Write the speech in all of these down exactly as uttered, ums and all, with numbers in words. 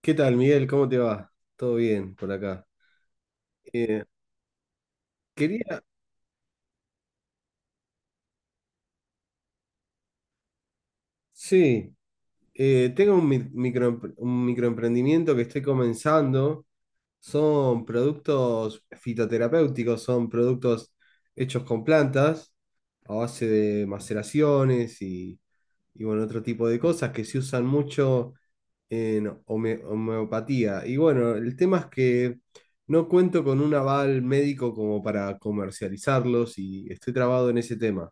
¿Qué tal, Miguel? ¿Cómo te va? ¿Todo bien por acá? Eh, quería, sí, eh, tengo un, mi- microempre- un microemprendimiento que estoy comenzando. Son productos fitoterapéuticos, son productos hechos con plantas a base de maceraciones y, y, bueno, otro tipo de cosas que se usan mucho en home- homeopatía. Y bueno, el tema es que no cuento con un aval médico como para comercializarlos y estoy trabado en ese tema.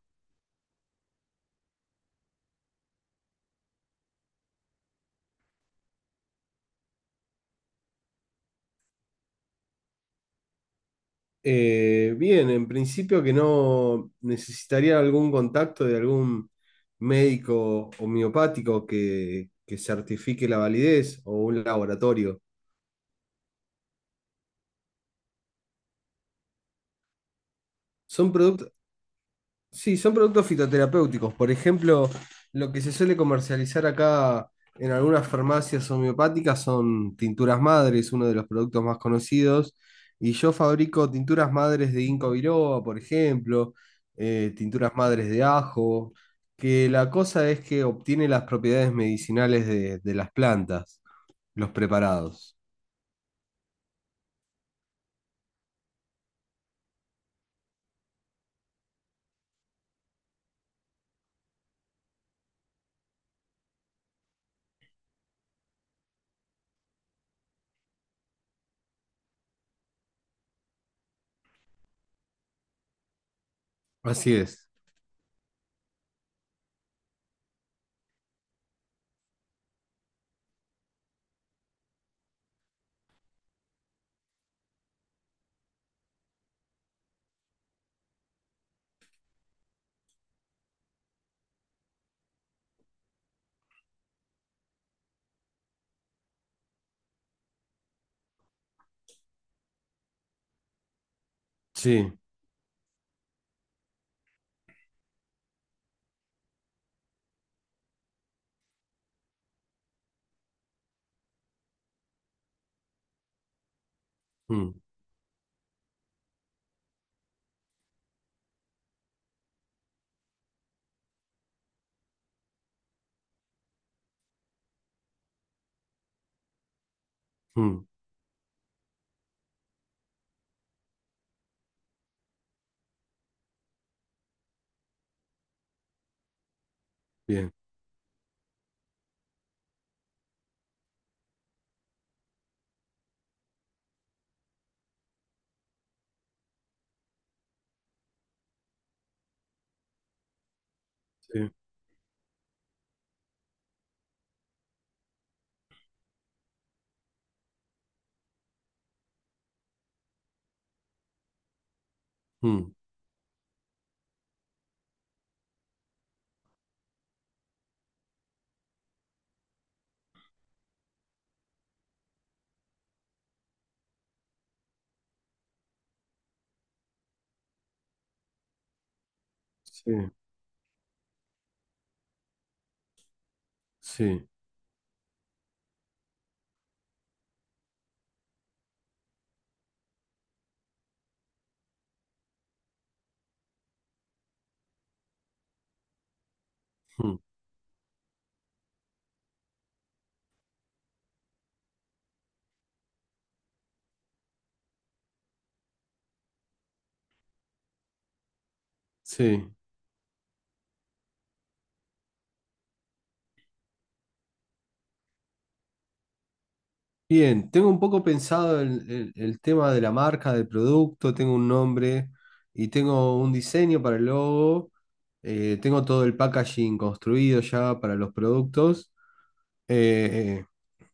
Eh, bien, en principio que no necesitaría algún contacto de algún médico homeopático que, que certifique la validez o un laboratorio. ¿Son productos sí, son productos fitoterapéuticos? Por ejemplo, lo que se suele comercializar acá en algunas farmacias homeopáticas son tinturas madres, uno de los productos más conocidos. Y yo fabrico tinturas madres de ginkgo biloba, por ejemplo, eh, tinturas madres de ajo, que la cosa es que obtiene las propiedades medicinales de, de las plantas, los preparados. Así es. Sí. Mm, mm, bien. Sí. Mm, sí. Sí. Mm, sí. Bien, tengo un poco pensado el, el- el tema de la marca, del producto, tengo un nombre y tengo un diseño para el logo. eh, tengo todo el packaging construido ya para los productos, eh,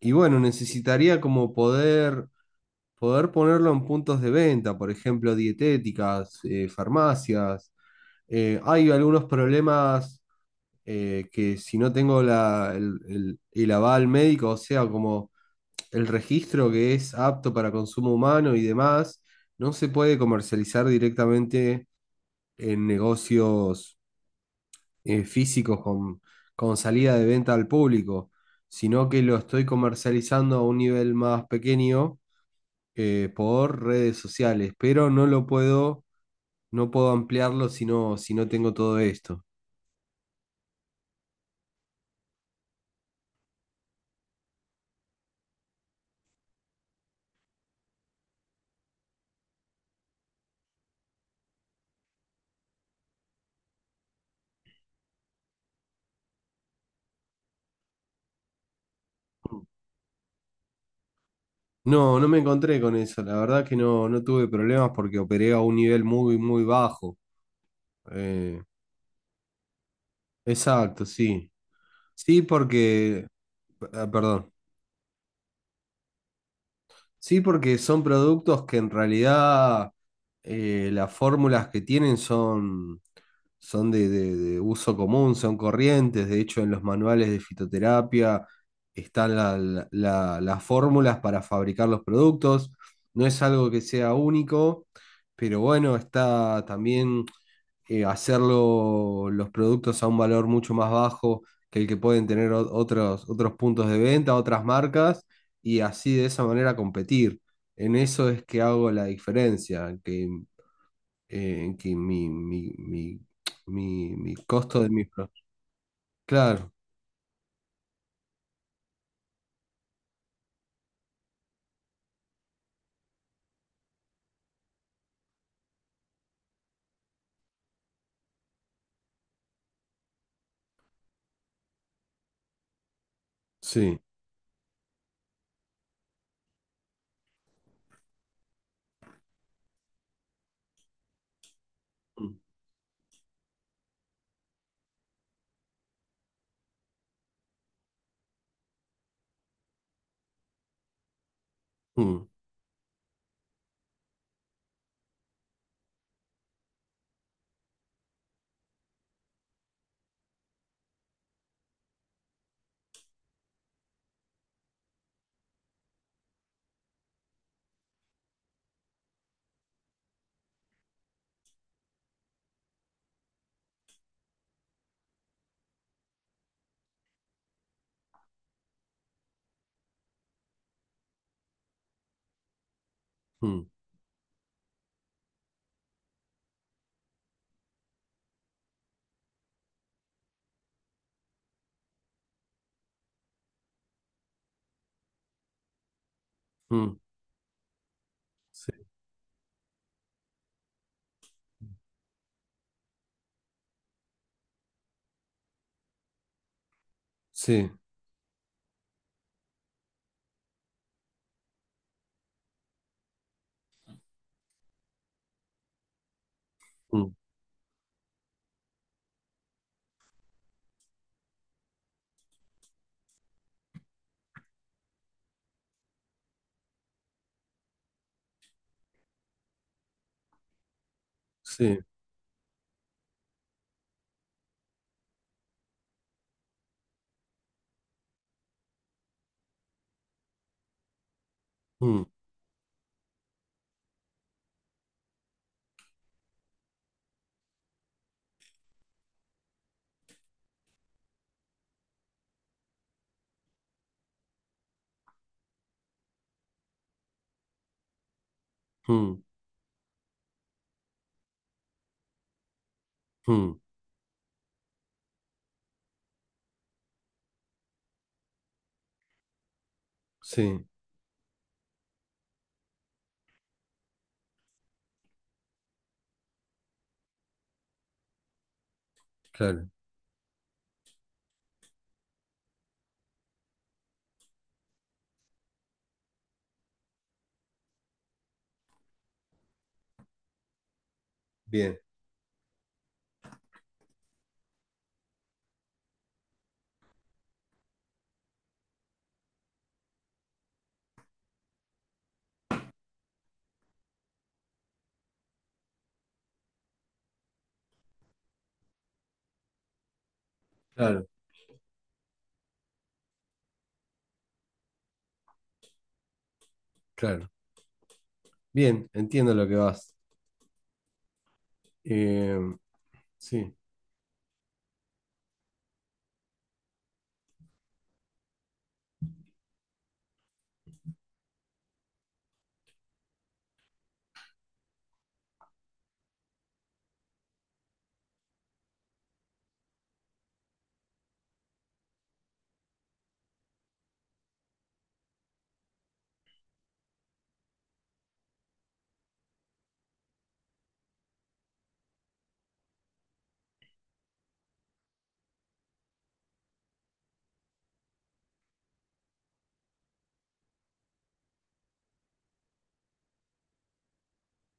y bueno, necesitaría como poder, poder ponerlo en puntos de venta, por ejemplo, dietéticas, eh, farmacias. Eh, hay algunos problemas, eh, que si no tengo la- el, el el aval médico, o sea, como el registro que es apto para consumo humano y demás, no se puede comercializar directamente en negocios eh, físicos con, con salida de venta al público, sino que lo estoy comercializando a un nivel más pequeño, eh, por redes sociales, pero no lo puedo, no puedo ampliarlo si no, si no tengo todo esto. No, no me encontré con eso, la verdad que no, no tuve problemas porque operé a un nivel muy, muy bajo. Eh, exacto, sí. Sí, porque, ah, perdón, sí, porque son productos que en realidad, eh, las fórmulas que tienen son, son de, de- de uso común, son corrientes. De hecho, en los manuales de fitoterapia están la- la- la- las fórmulas para fabricar los productos. No es algo que sea único, pero bueno, está también, eh, hacerlo los productos a un valor mucho más bajo que el que pueden tener o- otros, otros puntos de venta, otras marcas, y así de esa manera competir. En eso es que hago la diferencia, que, eh, que mi, mi, mi, mi- mi costo de mis pro- Claro, sí. Mm, mm, mm, mm, sí, sí, mm, sí, mm, mm, mm, sí, claro, bien, claro, claro. Bien, entiendo lo que vas. Eh, Sí,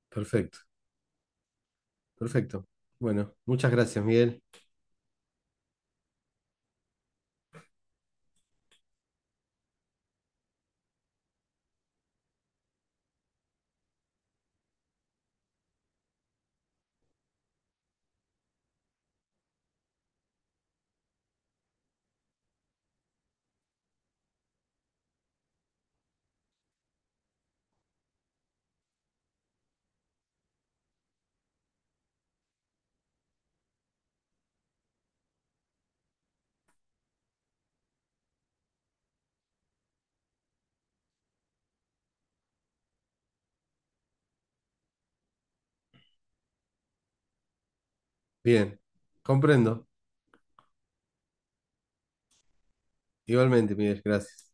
perfecto, perfecto. Bueno, muchas gracias, Miguel. Bien, comprendo. Igualmente, Miguel, gracias.